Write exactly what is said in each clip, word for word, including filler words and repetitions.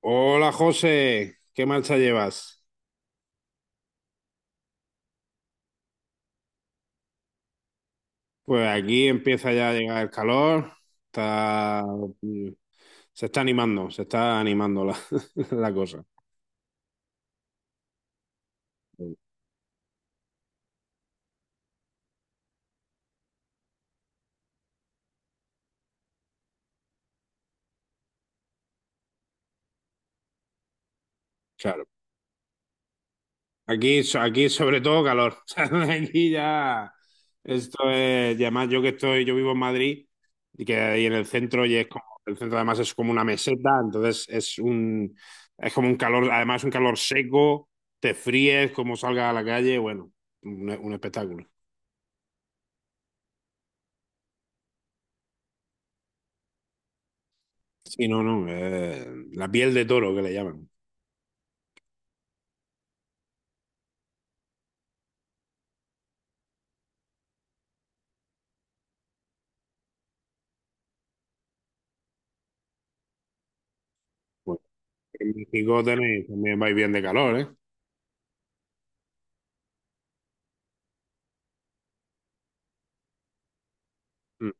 Hola José, ¿qué marcha llevas? Pues aquí empieza ya a llegar el calor, está, se está animando, se está animando la, la cosa. Claro, aquí, so- aquí sobre todo calor, o sea, aquí ya, esto es, y además yo que estoy, yo vivo en Madrid y que ahí en el centro y es como, el centro además es como una meseta, entonces es un, es como un calor, además un calor seco, te fríes como salgas a la calle, bueno, un un espectáculo. Sí, no, no, eh, la piel de toro que le llaman. Pues en México tenéis, también vais bien de calor, ¿eh? Mm,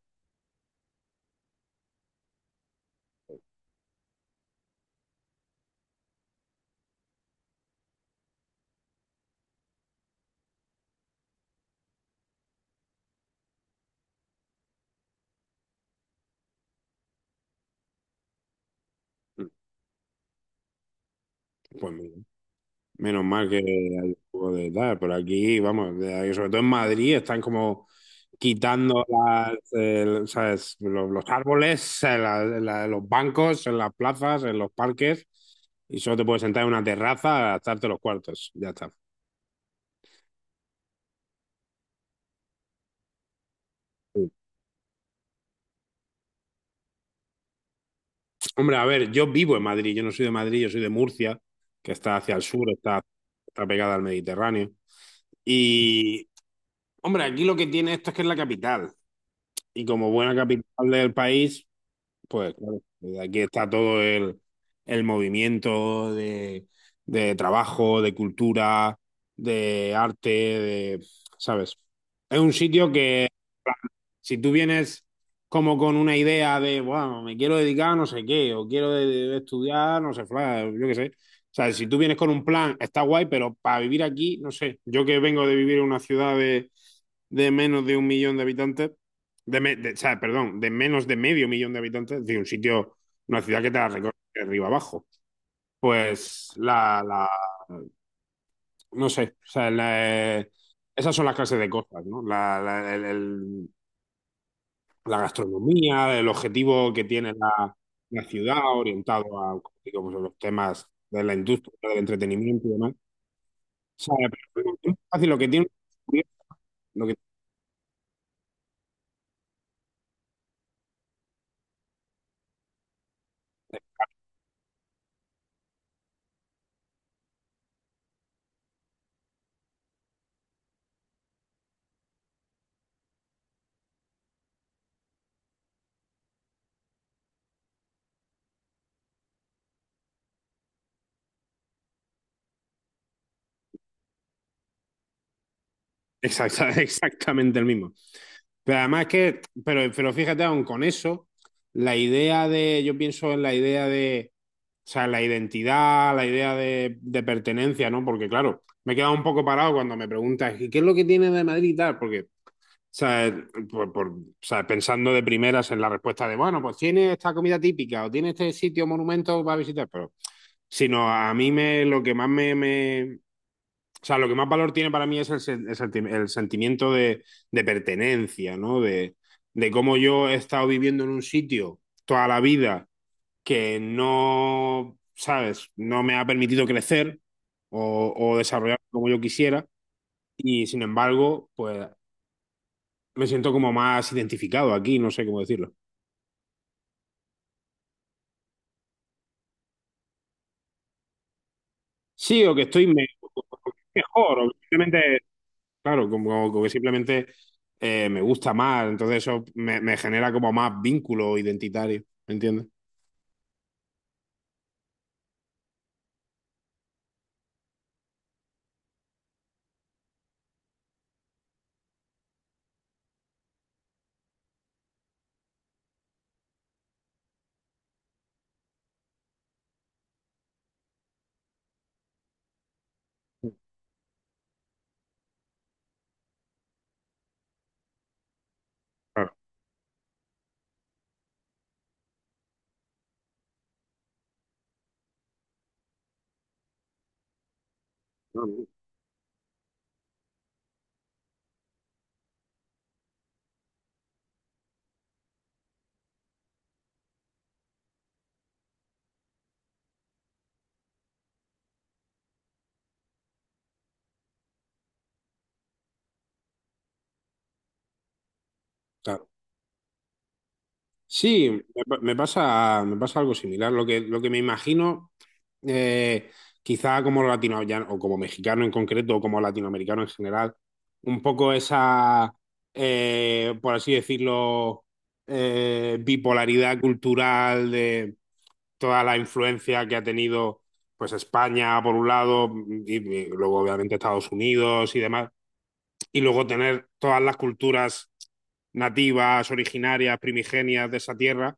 mm. Pues mira, menos mal que hay un poco de tal, pero aquí, vamos, de- ahí, sobre todo en Madrid están como quitando las, eh, ¿sabes? Los, los árboles, eh, la- la- los bancos, en las plazas, en los parques, y solo te puedes sentar en una terraza a gastarte los cuartos, ya está. Hombre, a ver, yo vivo en Madrid, yo no soy de Madrid, yo soy de Murcia, que está hacia el sur, está, está pegada al Mediterráneo. Y, hombre, aquí lo que tiene esto es que es la capital. Y como buena capital del país, pues claro, desde aquí está todo el, el movimiento de, de, trabajo, de cultura, de arte, de, ¿sabes? Es un sitio que si tú vienes como con una idea de, bueno, me quiero dedicar a no sé qué, o quiero de- de- estudiar, no sé, fla- yo qué sé. O sea, si tú vienes con un plan, está guay, pero para vivir aquí, no sé. Yo que vengo de vivir en una ciudad de, de menos de un millón de habitantes, de, me- de- o sea, perdón, de menos de medio millón de habitantes, es decir, un sitio, una ciudad que te la recorre de arriba abajo. Pues la, la- no sé, o sea, la- eh, esas son las clases de cosas, ¿no? La- la- el, el- la gastronomía, el objetivo que tiene la, la ciudad orientado a, como digo, pues, a los temas de la industria, del entretenimiento y demás. O sea, pero es fácil, lo que tiene lo que, exacta- exactamente el mismo. Pero además es que, pero, pero fíjate, aún con eso, la idea de, yo pienso en la idea de, o sea, la identidad, la idea de, de pertenencia, ¿no? Porque claro, me he quedado un poco parado cuando me preguntas, ¿y qué es lo que tiene de Madrid y tal? Porque O sea, por- por- o sea, pensando de primeras en la respuesta de, bueno, pues tiene esta comida típica o tiene este sitio, monumento para visitar, pero sino a mí me, lo que más me, me- o sea, lo que más valor tiene para mí es el, sen- el senti- el sentimiento de, de pertenencia, ¿no? De, de cómo yo he estado viviendo en un sitio toda la vida que no, ¿sabes? No me ha permitido crecer o, o desarrollar como yo quisiera. Y sin embargo, pues me siento como más identificado aquí, no sé cómo decirlo. Sí, o que estoy me- mejor, o que simplemente, claro, como, como que simplemente eh, me gusta más, entonces eso me, me genera como más vínculo identitario, ¿me entiendes? Claro. Claro. Sí, me pa- me pasa, me pasa algo similar. Lo que, lo que me imagino, eh, quizá como latino ya- o como mexicano en concreto, o como latinoamericano en general, un poco esa, eh, por así decirlo, eh, bipolaridad cultural de toda la influencia que ha tenido pues España por un lado y, y luego obviamente Estados Unidos y demás y luego tener todas las culturas nativas, originarias, primigenias de esa tierra,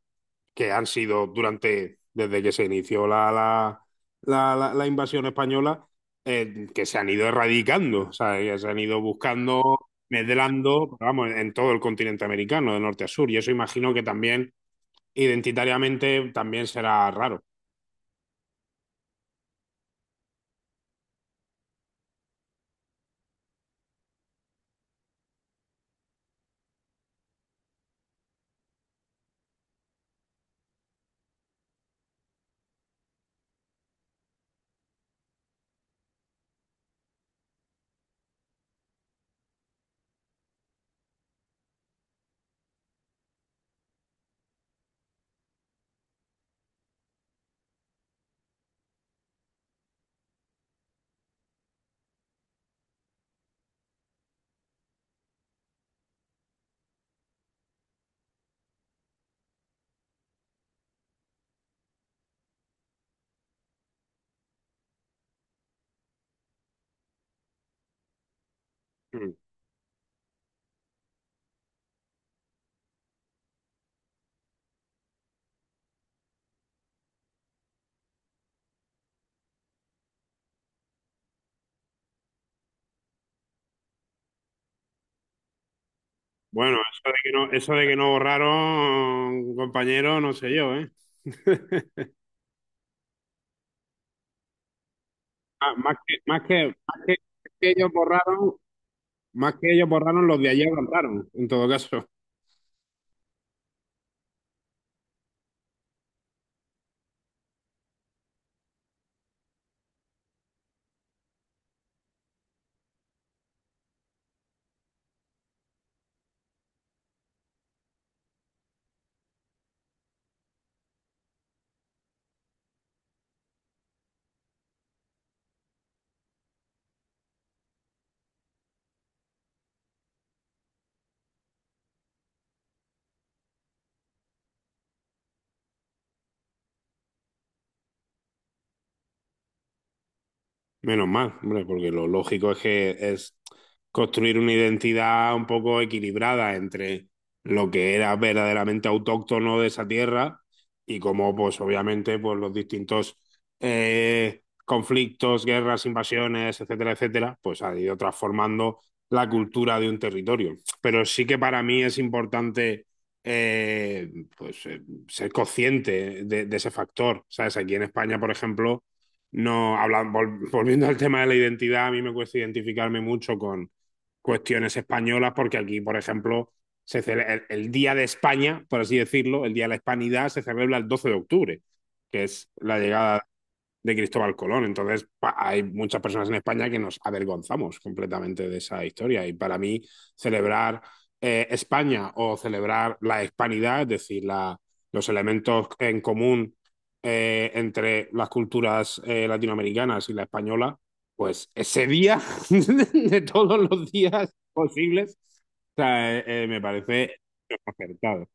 que han sido durante, desde que se inició la, la, la, la, la invasión española, eh, que se han ido erradicando, o sea, que se han ido buscando, medrando, vamos, en todo el continente americano, de norte a sur, y eso imagino que también identitariamente también será raro. Mm. Bueno, eso de que no, eso de que no borraron, compañero, no sé yo, ¿eh? Ah, más que, más que, más que, que ellos borraron, más que ellos borraron los de ayer borraron, en todo caso. Menos mal, hombre, porque lo lógico es que es construir una identidad un poco equilibrada entre lo que era verdaderamente autóctono de esa tierra y cómo, pues obviamente, pues los distintos eh, conflictos, guerras, invasiones, etcétera, etcétera, pues ha ido transformando la cultura de un territorio. Pero sí que para mí es importante eh, pues, eh, ser consciente de, de, ese factor. ¿Sabes? Aquí en España, por ejemplo no, hablan- vol- volviendo al tema de la identidad, a mí me cuesta identificarme mucho con cuestiones españolas, porque aquí, por ejemplo, se cele- el, el Día de España, por así decirlo, el Día de la Hispanidad, se celebra el doce de octubre, que es la, sí, llegada de Cristóbal Colón. Entonces, hay muchas personas en España que nos avergonzamos completamente de esa historia. Y para mí, celebrar eh, España o celebrar la hispanidad, es decir, la, los elementos en común eh, entre las culturas eh, latinoamericanas y la española, pues ese día de todos los días posibles, o sea, eh, eh, me parece acertado.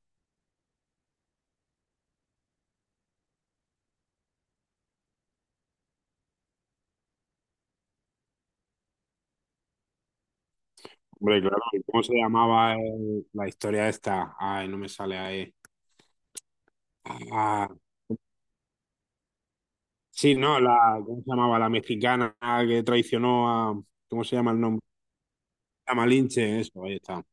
Hombre, claro, ¿cómo se llamaba el, la historia esta? Ay, no me sale ahí. Ah, sí, no, la, ¿cómo se llamaba? La mexicana que traicionó a, ¿cómo se llama el nombre? A Malinche, eso, ahí está.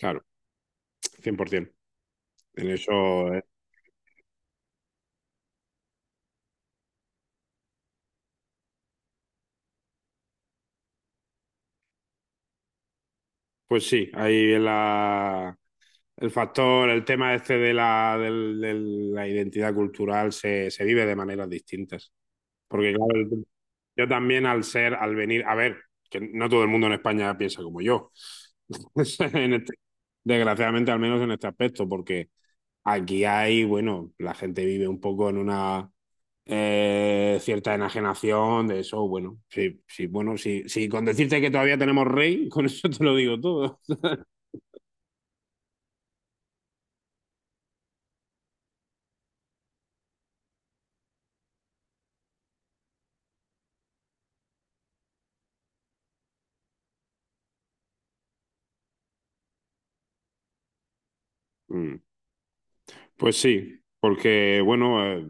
Claro, cien por ciento. En eso, eh. Pues sí, ahí la, el factor, el tema este de la, del- del- la identidad cultural se, se vive de maneras distintas. Porque claro, el- yo también al ser, al venir, a ver, que no todo el mundo en España piensa como yo. En este- desgraciadamente, al menos en este aspecto, porque aquí hay, bueno, la gente vive un poco en una eh, cierta enajenación de eso. Bueno, sí, sí, bueno, sí, sí, con decirte que todavía tenemos rey, con eso te lo digo todo. Mm. Pues sí, porque bueno, eh,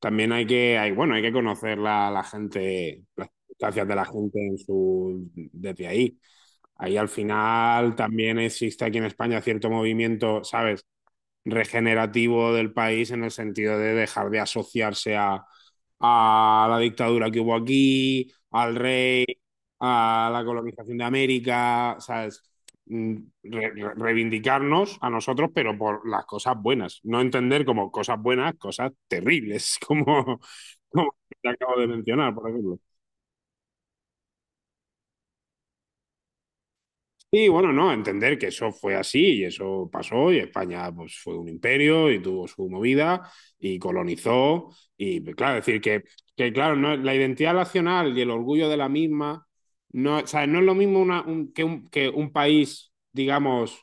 también hay que, hay, bueno, hay que conocer la, la gente, las circunstancias de la gente en su, desde ahí. Ahí al final también existe aquí en España cierto movimiento, ¿sabes?, regenerativo del país en el sentido de dejar de asociarse a, a, la dictadura que hubo aquí, al rey, a la colonización de América, ¿sabes? Mm. Re re reivindicarnos a nosotros, pero por las cosas buenas. No entender como cosas buenas, cosas terribles, como, como te acabo de mencionar, por ejemplo. Sí, bueno, no, entender que eso fue así y eso pasó y España pues fue un imperio y tuvo su movida y colonizó y pues, claro, decir que, que claro, no, la identidad nacional y el orgullo de la misma no, o sea, no es lo mismo una- un- que, un, que un país, digamos,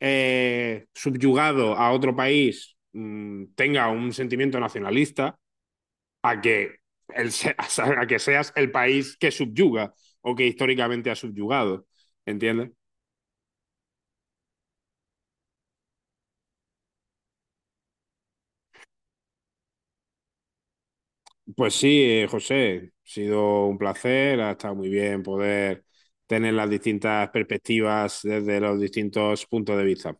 eh, subyugado a otro país, mm, tenga un sentimiento nacionalista a que, el, se- a que seas el país que subyuga o que históricamente ha subyugado, ¿entiendes? Pues sí, eh, José, ha sido un placer, ha estado muy bien poder tener las distintas perspectivas desde los distintos puntos de vista.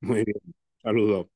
Muy bien, saludos.